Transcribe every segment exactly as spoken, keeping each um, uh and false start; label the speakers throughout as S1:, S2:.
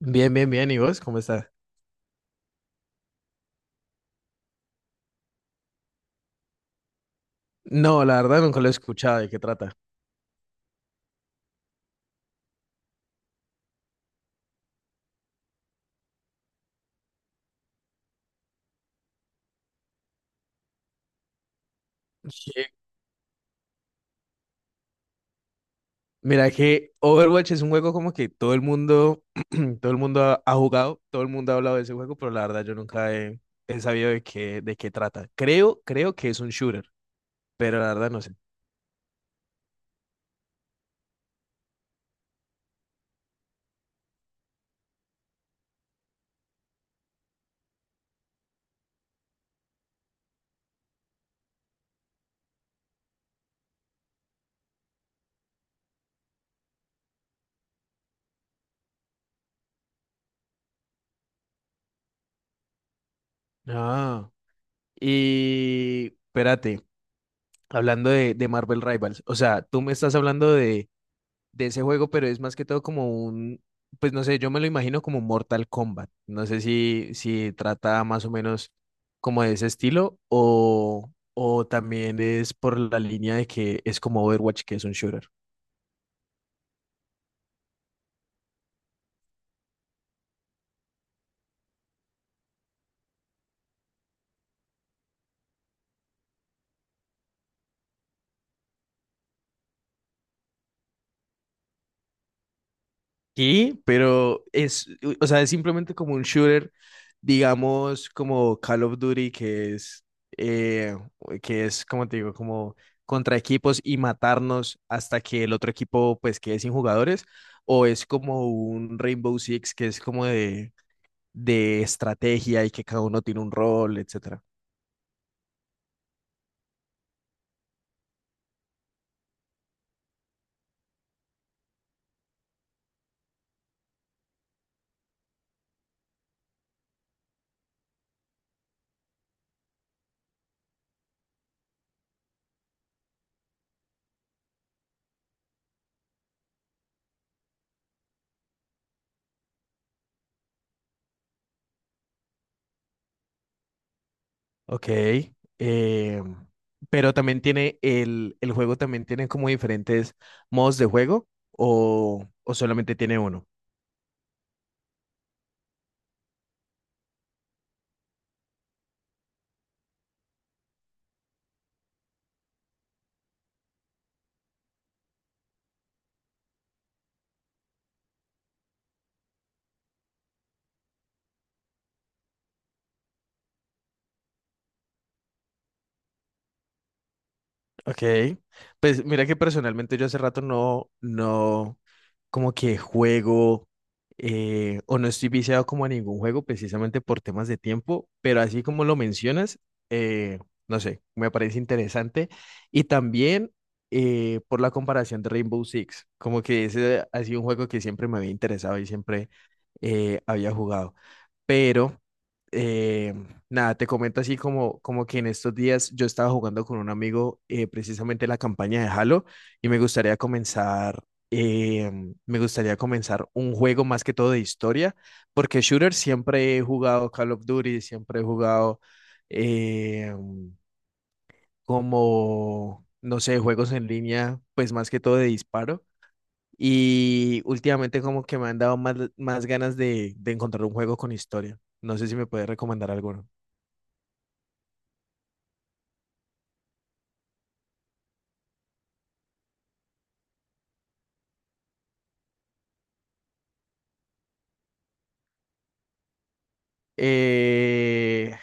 S1: Bien, bien, bien. ¿Y vos cómo estás? No, la verdad nunca lo he escuchado. ¿De qué trata? Sí. Mira que Overwatch es un juego como que todo el mundo, todo el mundo ha, ha jugado, todo el mundo ha hablado de ese juego, pero la verdad yo nunca he, he sabido de qué, de qué trata. Creo, creo que es un shooter, pero la verdad no sé. Ah. Y espérate, hablando de, de Marvel Rivals, o sea, tú me estás hablando de de ese juego, pero es más que todo como un, pues no sé, yo me lo imagino como Mortal Kombat. No sé si, si trata más o menos como de ese estilo o, o también es por la línea de que es como Overwatch, que es un shooter. Sí, pero es, o sea, es simplemente como un shooter, digamos, como Call of Duty, que es, eh, que es, como te digo, como contra equipos y matarnos hasta que el otro equipo, pues, quede sin jugadores, o es como un Rainbow Six, que es como de, de estrategia y que cada uno tiene un rol, etcétera. Ok, eh, pero también tiene, el, el juego también tiene como diferentes modos de juego, o, o solamente tiene uno. Ok, pues mira que personalmente yo hace rato no, no, como que juego eh, o no estoy viciado como a ningún juego precisamente por temas de tiempo, pero así como lo mencionas, eh, no sé, me parece interesante y también eh, por la comparación de Rainbow Six, como que ese ha sido un juego que siempre me había interesado y siempre eh, había jugado pero eh, nada, te comento así como, como que en estos días yo estaba jugando con un amigo eh, precisamente la campaña de Halo y me gustaría comenzar, eh, me gustaría comenzar un juego más que todo de historia, porque shooter siempre he jugado Call of Duty, siempre he jugado eh, como, no sé, juegos en línea, pues más que todo de disparo y últimamente como que me han dado más, más ganas de, de encontrar un juego con historia. No sé si me puedes recomendar alguno. Eh,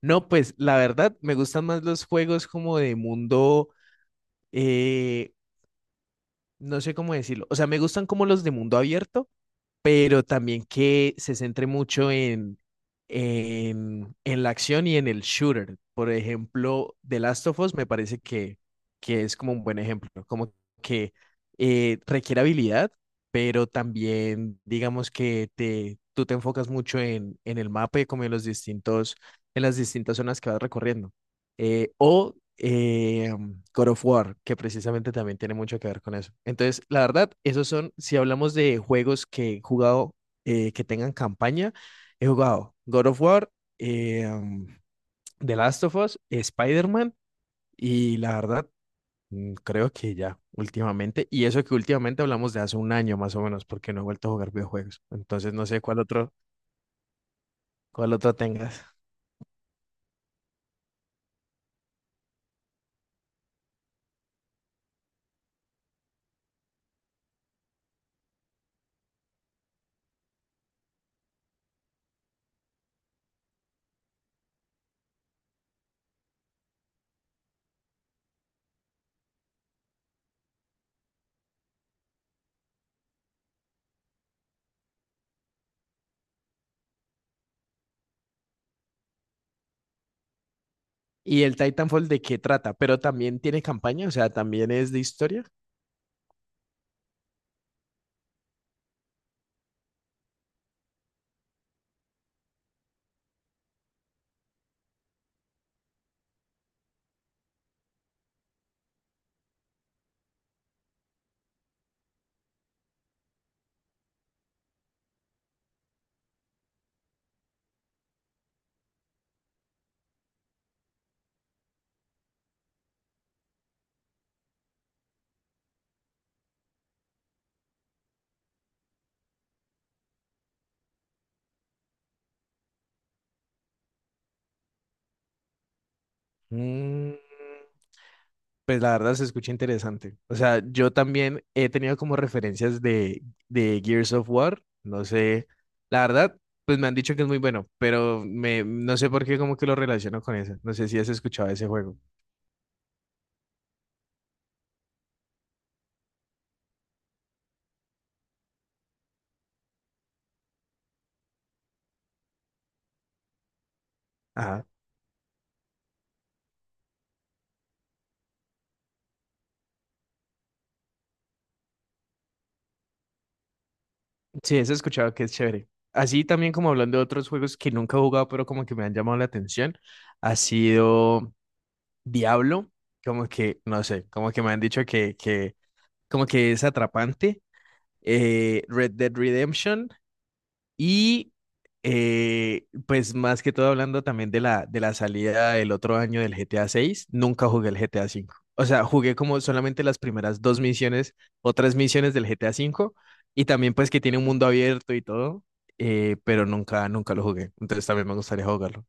S1: no, pues la verdad me gustan más los juegos como de mundo, eh, no sé cómo decirlo. O sea, me gustan como los de mundo abierto pero también que se centre mucho en, en, en la acción y en el shooter. Por ejemplo, The Last of Us me parece que, que es como un buen ejemplo, ¿no? Como que eh, requiere habilidad, pero también digamos que te, tú te enfocas mucho en, en el mapa y como en los distintos, en las distintas zonas que vas recorriendo eh, o eh, God of War, que precisamente también tiene mucho que ver con eso. Entonces, la verdad, esos son, si hablamos de juegos que he jugado, eh, que tengan campaña, he jugado God of War, eh, The Last of Us, Spider-Man y la verdad, mm, creo que ya últimamente, y eso que últimamente hablamos de hace un año más o menos, porque no he vuelto a jugar videojuegos. Entonces, no sé cuál otro, cuál otro tengas. ¿Y el Titanfall de qué trata? Pero también tiene campaña, o sea, también es de historia. Mm, pues la verdad se escucha interesante. O sea, yo también he tenido como referencias de, de Gears of War. No sé, la verdad, pues me han dicho que es muy bueno, pero me, no sé por qué como que lo relaciono con eso. No sé si has escuchado ese juego. Sí, eso he escuchado que es chévere. Así también como hablando de otros juegos que nunca he jugado, pero como que me han llamado la atención, ha sido Diablo, como que, no sé, como que me han dicho que, que como que es atrapante. Eh, Red Dead Redemption, y eh, pues más que todo hablando también de la, de la salida del otro año del G T A seis, nunca jugué el G T A cinco. O sea, jugué como solamente las primeras dos misiones o tres misiones del G T A cinco y también pues que tiene un mundo abierto y todo, eh, pero nunca, nunca lo jugué. Entonces también me gustaría jugarlo.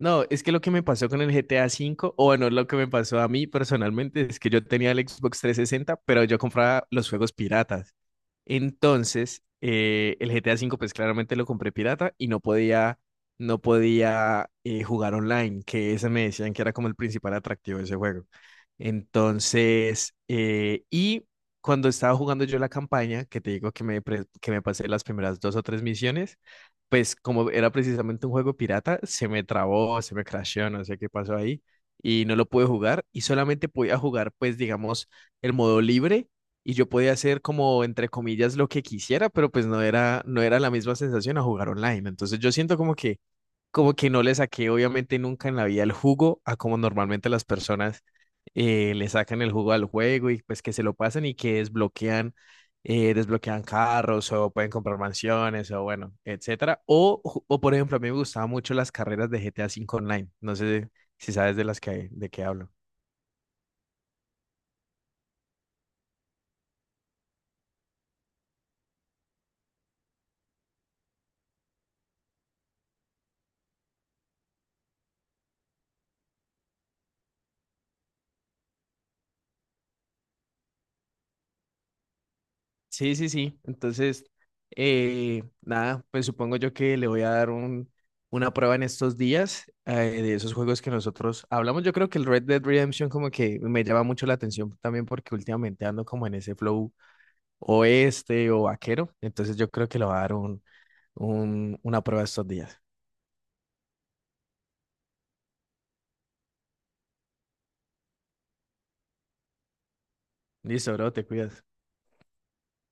S1: No, es que lo que me pasó con el G T A cinco, o bueno, lo que me pasó a mí personalmente es que yo tenía el Xbox trescientos sesenta, pero yo compraba los juegos piratas. Entonces, eh, el G T A V, pues claramente lo compré pirata y no podía, no podía eh, jugar online, que ese me decían que era como el principal atractivo de ese juego. Entonces, eh, y cuando estaba jugando yo la campaña, que te digo que me, pre- que me pasé las primeras dos o tres misiones, pues como era precisamente un juego pirata, se me trabó, se me crasheó, no sé qué pasó ahí, y no lo pude jugar, y solamente podía jugar, pues digamos, el modo libre y yo podía hacer como, entre comillas, lo que quisiera, pero pues no era, no era la misma sensación a jugar online. Entonces yo siento como que, como que no le saqué obviamente nunca en la vida el jugo a como normalmente las personas eh, le sacan el jugo al juego y pues que se lo pasan y que desbloquean, eh, desbloquean carros o pueden comprar mansiones o bueno, etcétera. O, ju- o por ejemplo, a mí me gustaban mucho las carreras de G T A cinco Online. No sé si sabes de las que, de qué hablo. Sí, sí, sí. Entonces, eh, nada, pues supongo yo que le voy a dar un, una prueba en estos días eh, de esos juegos que nosotros hablamos. Yo creo que el Red Dead Redemption como que me llama mucho la atención también porque últimamente ando como en ese flow oeste o vaquero. Entonces yo creo que le voy a dar un, un- una prueba estos días. Listo, bro, te cuidas.